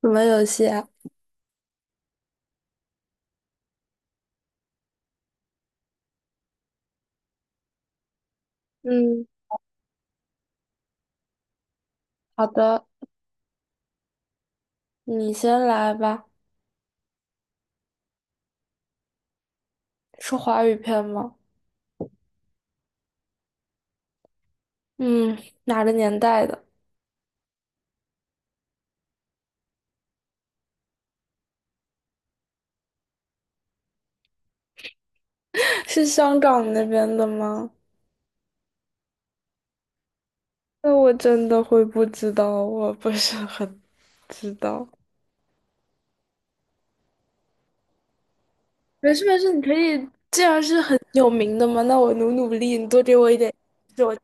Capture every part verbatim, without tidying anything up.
什么游戏啊？嗯，好的，你先来吧。是华语片吗？嗯，哪个年代的？是香港那边的吗？那我真的会不知道，我不是很知道。没事没事，你可以，既然是很有名的嘛，那我努努力，你多给我一点。是我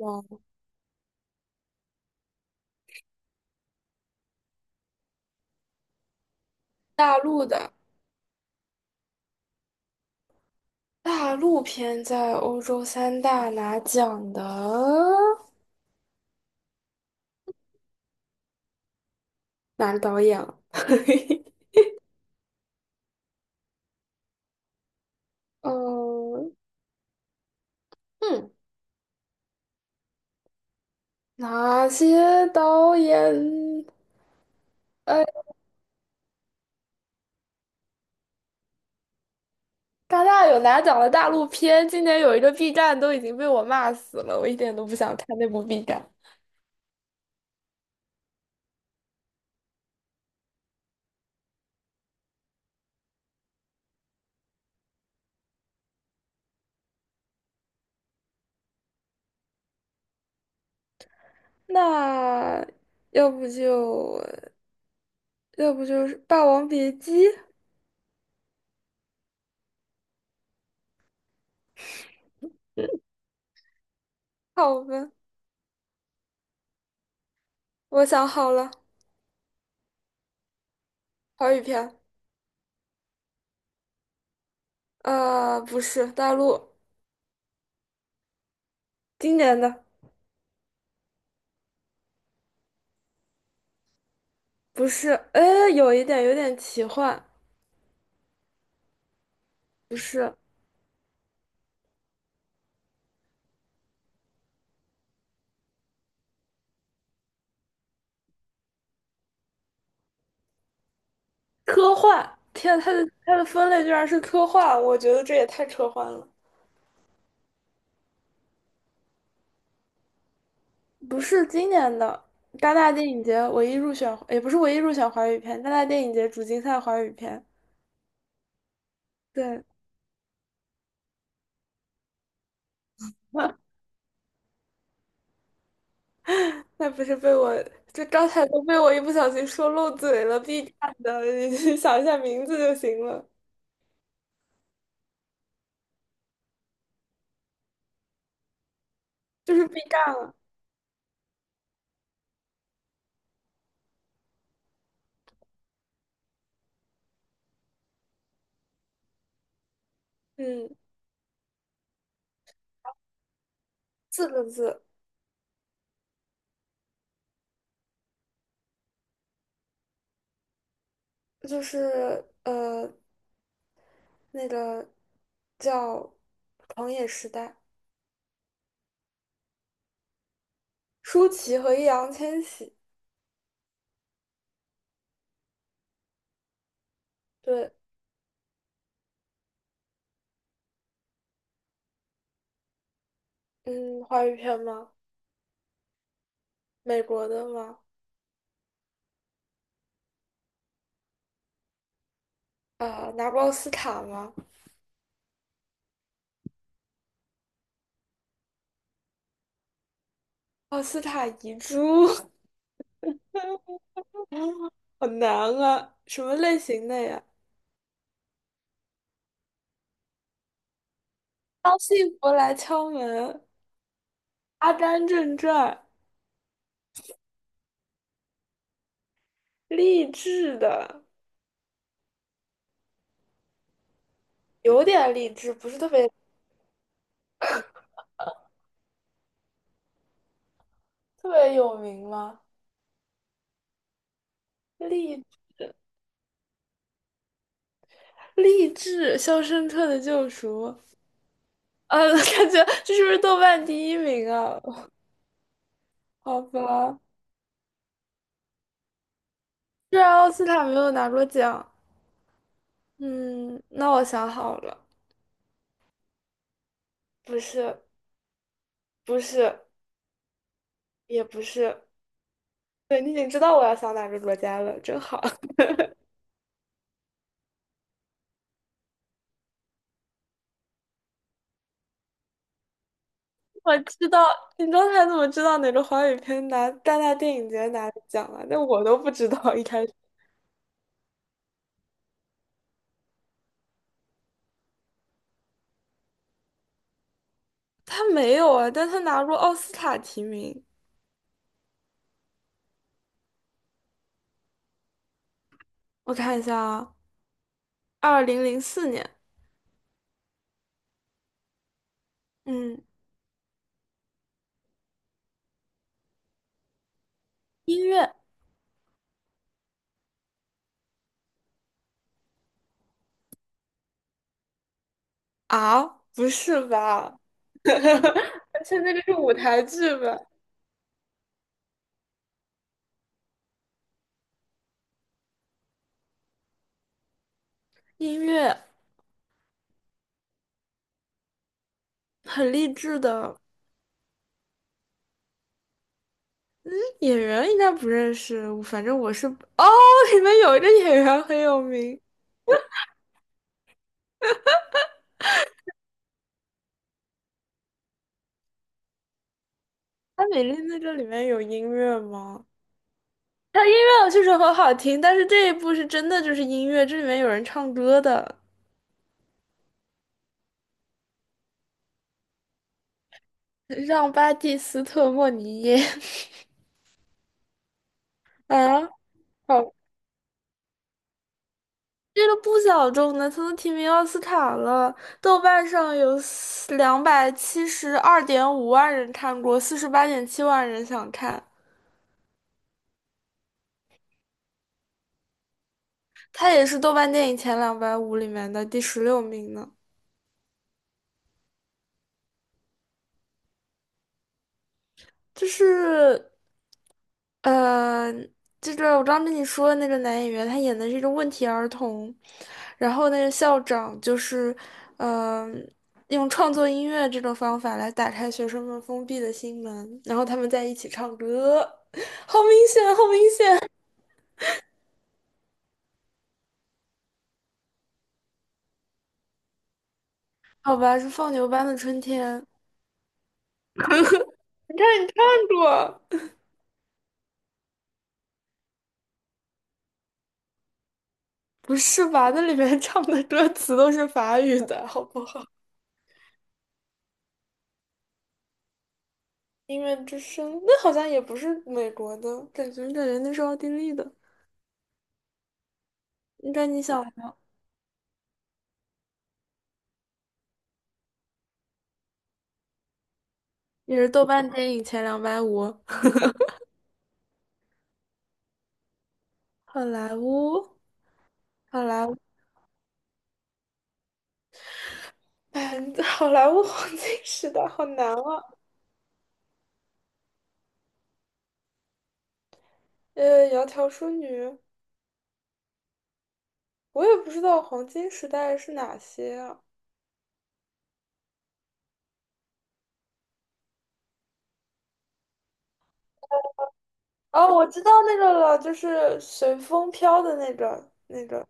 吗？大陆的。大陆片在欧洲三大拿奖的哪个导演啊？嗯。嗯哪些导演？呃，大纳有拿奖的大陆片，今年有一个 B 站都已经被我骂死了，我一点都不想看那部 B 站。那要不就要不就是《霸王别姬》，好吧，我想好了，华语片，呃，不是大陆今年的，不是，哎，有一点有点奇幻，不是科幻，天，它的它的分类居然是科幻，我觉得这也太科幻了。不是今年的戛纳电影节唯一入选，也不是唯一入选华语片，戛纳电影节主竞赛华语片。对，那不是被我这刚才都被我一不小心说漏嘴了，B 站的，你去想一下名字就行了，就是 B 站了，嗯，四个字，就是呃那个叫《狂野时代》，舒淇和易烊千玺，对，嗯，华语片吗？美国的吗？啊、拿过奥斯卡吗？奥斯卡遗珠，好难啊！什么类型的呀？当幸福来敲门，《阿甘正传》，励志的，有点励志，不是特别特别有名吗？励励志，《肖申克的救赎》呃，感觉这是不是豆瓣第一名啊？好吧，虽然奥斯卡没有拿过奖，嗯，那我想好了，不是，不是，也不是。对，你已经知道我要想哪个国家了，真好。我知道，你刚才怎么知道哪个华语片拿戛纳电影节拿了奖了？那我都不知道一开始。他没有啊，但他拿过奥斯卡提名。我看一下啊，二零零四年，嗯，音乐啊，不是吧？而且那这是舞台剧吧？音乐很励志的，演员应该不认识，反正我是哦，里面有一个演员很有名，它美丽在这里面有音乐吗？它音乐确实很好听，但是这一部是真的就是音乐，这里面有人唱歌的，让巴蒂斯特·莫尼耶 啊，好，这个不小众的，他都提名奥斯卡了，豆瓣上有两百七十二点五万人看过，四十八点七万人想看，它也是豆瓣电影前两百五里面的第十六名呢，就是。呃，这个我刚跟你说的那个男演员，他演的是一个问题儿童，然后那个校长就是，呃，用创作音乐这种方法来打开学生们封闭的心门，然后他们在一起唱歌，好明显，好明显，好吧，是放牛班的春天，你看你看过？不是吧？那里面唱的歌词都是法语的，好不好？音乐之声，那好像也不是美国的，感觉感觉那是奥地利的。应该你想也是豆瓣电影前两百五。好莱坞，好莱坞，嗯，好莱坞黄金时代好难啊。呃，窈窕淑女，我也不知道黄金时代是哪些啊。哦，我知道那个了，就是随风飘的那个，那个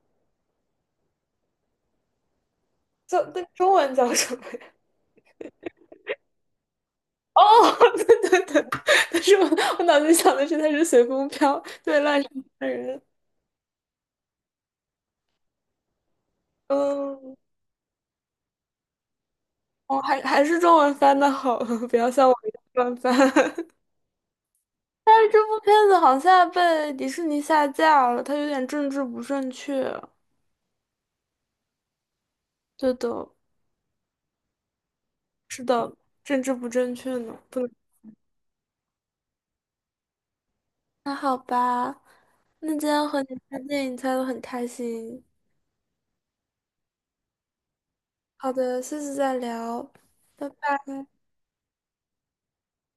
叫那中文叫什么呀哦，对对对，但是我我脑子想的是它是随风飘，对，乱世佳人。嗯，哦，还还是中文翻的好，不要像我一样乱翻。但是这部片子好像被迪士尼下架了，它有点政治不正确。对的，是的，政治不正确呢，不能那好吧，那今天和你看电影猜的很开心。好的，下次再聊。拜拜。